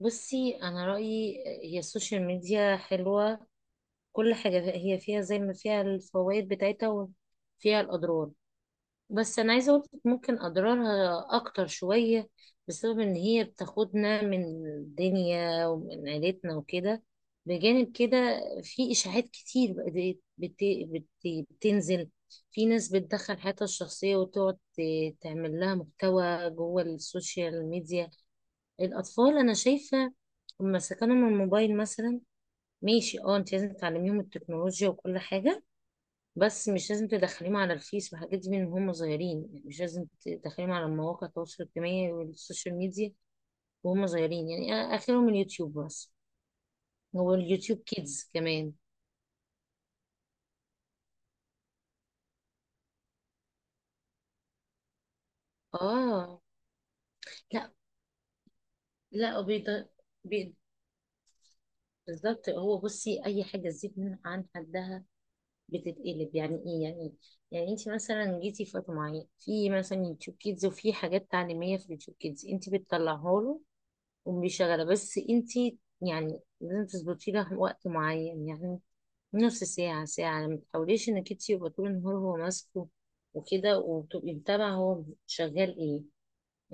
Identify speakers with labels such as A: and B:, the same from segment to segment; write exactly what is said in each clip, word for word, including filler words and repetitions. A: بصي انا رايي، هي السوشيال ميديا حلوه. كل حاجه هي فيها زي ما فيها الفوائد بتاعتها وفيها الاضرار. بس انا عايزه اقول لك ممكن اضرارها اكتر شويه، بسبب ان هي بتاخدنا من الدنيا ومن عيلتنا وكده. بجانب كده في اشاعات كتير بقت بت... بت... بتنزل. في ناس بتدخل حياتها الشخصيه وتقعد ت- تعمل لها محتوى جوه السوشيال ميديا. الأطفال أنا شايفة لما سكنهم الموبايل مثلا، ماشي، اه انت لازم تعلميهم التكنولوجيا وكل حاجة، بس مش لازم تدخليهم على الفيس والحاجات دي من هم صغيرين. يعني مش لازم تدخليهم على مواقع التواصل الاجتماعي والسوشيال ميديا وهم صغيرين. يعني أنا آخرهم اليوتيوب بس، هو اليوتيوب كيدز كمان. اه، لا لا، بيض- بي- بالظبط. هو بصي أي حاجة تزيد من عن حدها بتتقلب. يعني ايه يعني ايه يعني انت مثلا جيتي في وقت معين في مثلا يوتيوب كيدز، وفي حاجات تعليميه في اليوتيوب كيدز انت بتطلعها له وبيشغلها. بس انت يعني لازم تظبطي له وقت معين، يعني نص ساعه ساعه. ما تحاوليش انك انت يبقى طول النهار هو ماسكه وكده، وتبقي متابعه هو شغال ايه.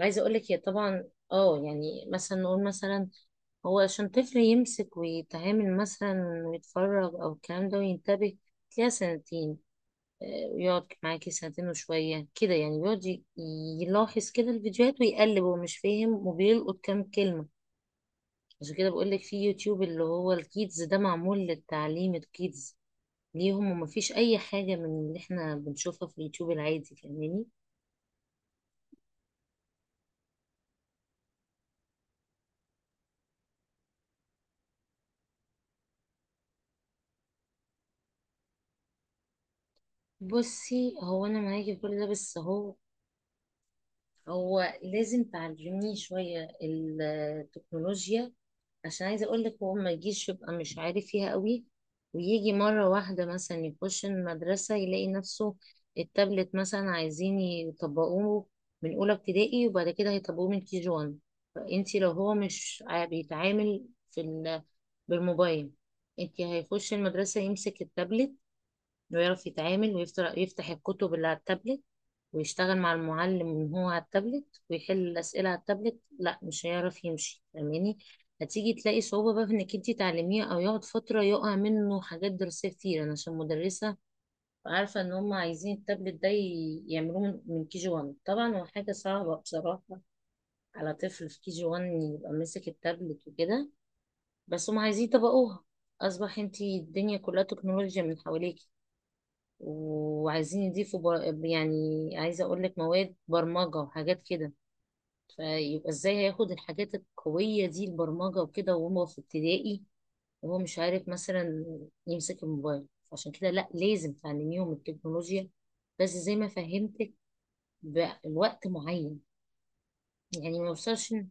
A: عايزه اقول لك هي طبعا، اه يعني مثلا نقول مثلا هو عشان طفل يمسك ويتعامل مثلا ويتفرج او الكلام ده وينتبه، تلاقيها سنتين يقعد معاكي ساعتين وشوية كده. يعني بيقعد ي- يلاحظ كده الفيديوهات ويقلب، هو مش فاهم وبيلقط كام كلمة. عشان كده بقولك في يوتيوب اللي هو الكيدز ده، معمول للتعليم الكيدز ليهم، ومفيش أي حاجة من اللي احنا بنشوفها في اليوتيوب العادي. فاهماني؟ بصي هو أنا معاكي في كل ده، بس هو، هو لازم تعلميه شوية التكنولوجيا. عشان عايزة اقول لك هو ما يجيش يبقى مش عارف فيها قوي، ويجي مرة واحدة مثلا يخش المدرسة يلاقي نفسه التابلت مثلا عايزين يطبقوه من أولى ابتدائي، وبعد كده هيطبقوه من كي جي واحد. فانتي لو هو مش ع- بيتعامل في ال- بالموبايل، انتي هيخش المدرسة يمسك التابلت، انه يعرف يتعامل ويفتح يفتح الكتب اللي على التابلت، ويشتغل مع المعلم من هو على التابلت، ويحل الأسئلة على التابلت، لا مش هيعرف يمشي. فاهماني؟ هتيجي تلاقي صعوبة بقى في انك انتي تعلميه، او يقعد فترة يقع منه حاجات دراسية كتير. انا عشان مدرسة عارفة ان هم عايزين التابلت ده ي- يعملوه من من كي جي وان. طبعا هو حاجة صعبة بصراحة على طفل في كي جي وان يبقى ماسك التابلت وكده، بس هم عايزين يطبقوها. اصبح انتي الدنيا كلها تكنولوجيا من حواليك، وعايزين يضيفوا بر... يعني عايزة اقول لك مواد برمجة وحاجات كده. فيبقى ازاي هياخد الحاجات القوية دي البرمجة وكده وهو في ابتدائي، وهو مش عارف مثلا يمسك الموبايل؟ عشان كده لا، لازم تعلميهم التكنولوجيا، بس زي ما فهمتك بوقت معين، يعني ما يوصلش إن-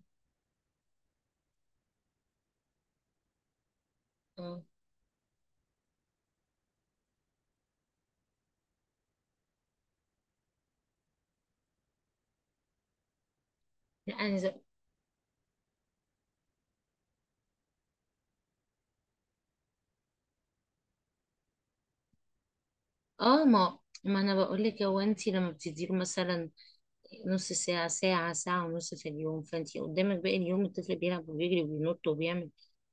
A: اه. لا انا زي... اه. ما ما انا بقول لك، هو انت لما بتديله مثلا نص ساعة، ساعة، ساعة ونص في اليوم، فانتي قدامك باقي اليوم الطفل بيلعب وبيجري وبينط وبيعمل.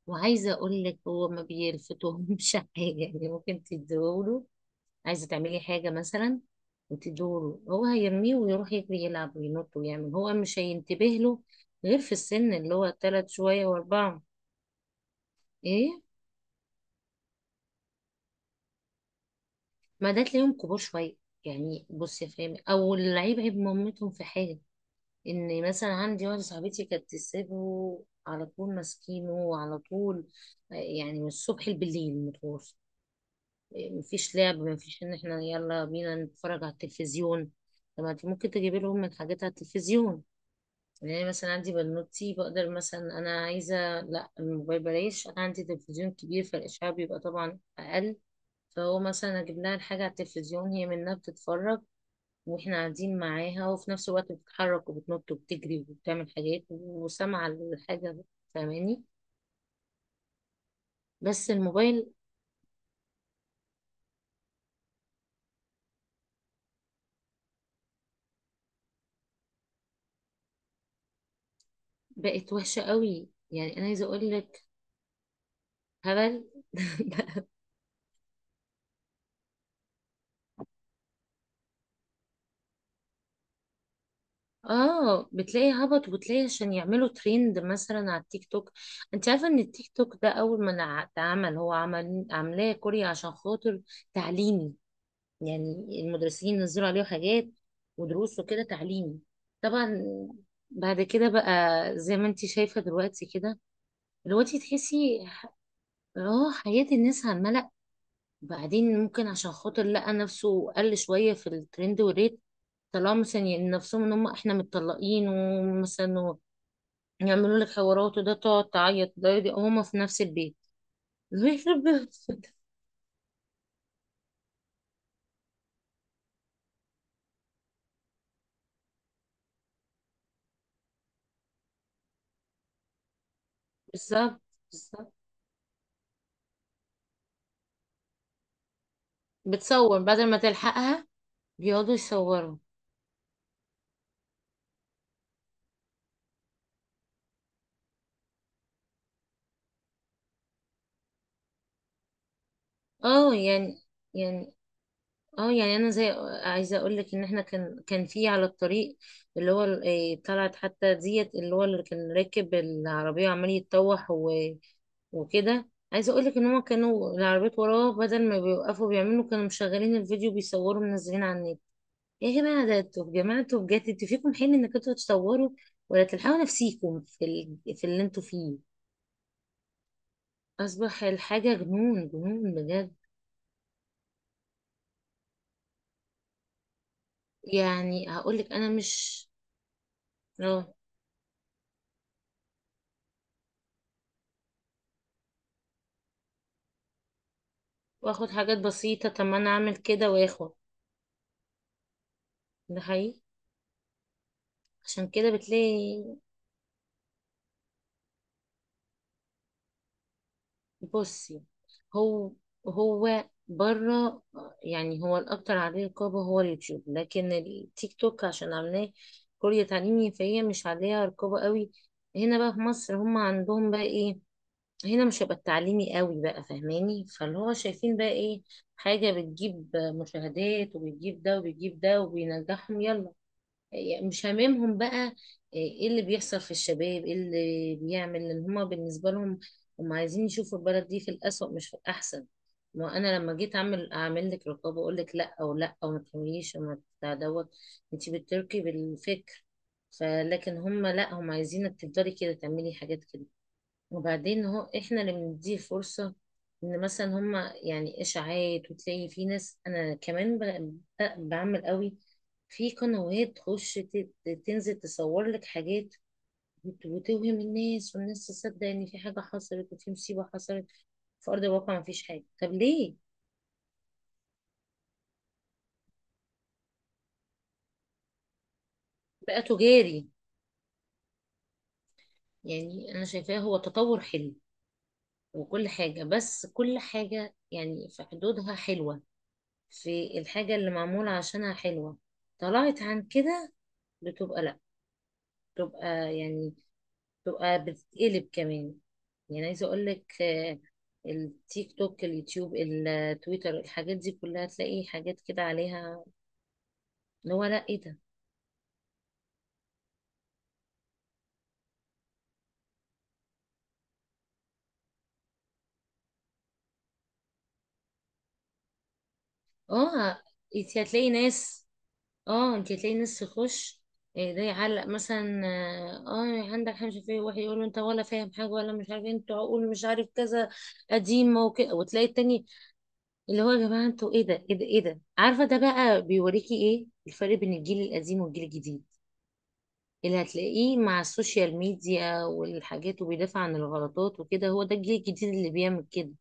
A: وعايزة اقول لك هو ما بيلفتهمش حاجة. يعني ممكن تديهوله، عايزة تعملي حاجة مثلا وتديهوله، هو هيرميه ويروح يجري يلعب وينط ويعمل، هو مش هينتبه له، غير في السن اللي هو تلات شوية واربعة. ايه، ما ده تلاقيهم كبار شوية. يعني بصي يا فاهمة، او اللعيب عيب مامتهم في حاجة. ان مثلا عندي واحده صاحبتي كانت تسيبه على طول، ماسكينه على طول. آه، يعني من الصبح لبالليل متواصل. آه، مفيش لعب، مفيش ان احنا يلا بينا نتفرج على التلفزيون. طب ما انت ممكن تجيب لهم من حاجات على التلفزيون. يعني مثلا عندي بنوتي بقدر مثلا انا عايزه، لا الموبايل بلاش، انا عندي تلفزيون كبير فالاشعاع بيبقى طبعا اقل. فهو مثلا اجيب لها الحاجه على التلفزيون، هي منها بتتفرج، واحنا قاعدين معاها، وفي نفس الوقت بتتحرك وبتنط وبتجري وبتعمل حاجات وسامعة الحاجة. فاهماني؟ بس الموبايل بقت وحشة قوي، يعني انا عايزة اقول لك هبل. اه بتلاقي هبط، وبتلاقي عشان يعملوا ترند مثلا على التيك توك. انت عارفه ان التيك توك ده اول ما اتعمل، هو عمل عاملاه كوريا عشان خاطر تعليمي، يعني المدرسين نزلوا عليه حاجات ودروس وكده تعليمي. طبعا بعد كده بقى زي ما انت شايفة دلوقتي كده. دلوقتي تحسي ح- اه حياة الناس على الملأ. بعدين ممكن عشان خاطر لقى نفسه قل شوية في الترند والريت، طلعوا مثلا يعني نفسهم ان هم احنا متطلقين، ومثلا يعملوا لك حوارات وده تقعد تعيط ده يدي، هما في نفس البيت. يخرب بيت. بالظبط. بالظبط. بتصور بدل ما تلحقها، بيقعدوا يصوروا. اه يعني، يعني، اه يعني انا زي، عايزه اقول لك ان احنا كان كان في على الطريق اللي هو ال- إيه، طلعت حتى ديت اللي هو اللي كان راكب العربيه وعمال يتطوح و... وكده. عايزه اقول لك ان هما كانوا العربيات وراه بدل ما بيوقفوا بيعملوا، كانوا مشغلين الفيديو بيصوروا منزلين على النت. يا جماعه ده انتوا، يا جماعه انتوا بجد، انتوا فيكم حين انك انتوا تصوروا ولا تلحقوا نفسيكم في ال... في اللي انتوا فيه. اصبح الحاجه جنون، جنون بجد. يعني هقول لك انا مش، اه واخد حاجات بسيطة، طب ما انا اعمل كده واخد. ده حقيقي، عشان كده بتلاقي، بصي هو، هو بره. يعني هو الاكتر عليه رقابة هو اليوتيوب، لكن التيك توك عشان عاملاه كوريا تعليمي فهي مش عليها رقابة قوي. هنا بقى في مصر هم عندهم بقى ايه؟ هنا مش هيبقى التعليمي قوي بقى، فاهماني؟ فاللي هو شايفين بقى ايه، حاجة بتجيب مشاهدات وبتجيب ده وبتجيب ده، وبينجحهم يلا، يعني مش هاممهم بقى. آه، ايه اللي بيحصل في الشباب، ايه اللي بيعمل ان هما بالنسبة لهم هم عايزين يشوفوا البلد دي في الأسوأ مش في الأحسن. ما انا لما جيت اعمل، اعمل لك رقابة اقول لك لا او لا او ما تعمليش او ما بتاع دوت، انت بتركي بالفكر. فلكن هم لا، هم عايزينك تفضلي كده تعملي حاجات كده. وبعدين هو احنا اللي بنديه فرصة، ان مثلا هما يعني اشاعات، وتلاقي في ناس انا كمان ب- ب- بعمل قوي. في قنوات تخش ت- ت- تنزل تصور لك حاجات، وت- وتوهم الناس، والناس تصدق ان في حاجة حصلت وفي مصيبة حصلت، في ارض الواقع ما فيش حاجة. طب ليه؟ بقى تجاري. يعني انا شايفاه هو تطور حلو وكل حاجة، بس كل حاجة يعني في حدودها حلوة، في الحاجة اللي معمولة عشانها حلوة. طلعت عن كده بتبقى لا، بتبقى يعني، بتبقى بتتقلب كمان. يعني عايزه اقول لك آه، التيك توك، اليوتيوب، التويتر، الحاجات دي كلها تلاقي حاجات كده عليها، اللي هو لا ايه ده. اه انت هتلاقي ناس، اه انت هتلاقي ناس تخش، آه، ده يعلق مثلا اه، آه، عندك حاجه فيه واحد يقول له انت ولا فاهم حاجه ولا مش عارف إيه، انت عقول مش عارف كذا قديمه وكده، وتلاقي التاني اللي هو يا جماعة انتوا، ايه ده ايه ده ايه ده. عارفة ده بقى بيوريكي ايه الفرق بين الجيل القديم والجيل الجديد، اللي هتلاقيه مع السوشيال ميديا والحاجات وبيدافع عن الغلطات وكده، هو ده الجيل الجديد اللي بيعمل كده.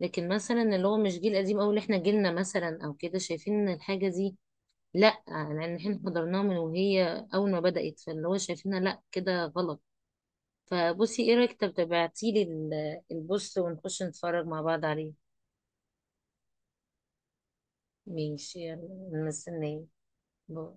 A: لكن مثلا اللي هو مش جيل قديم، او اللي احنا جيلنا مثلا او كده، شايفين ان الحاجة دي لا، لان احنا حضرناها من وهي اول ما بدأت، فاللي هو شايفينها لا كده غلط. فبصي ايه رأيك، طب تبعتيلي ال- البوست، ونخش نتفرج مع بعض عليه. ماشي، يلا مستنية. باي.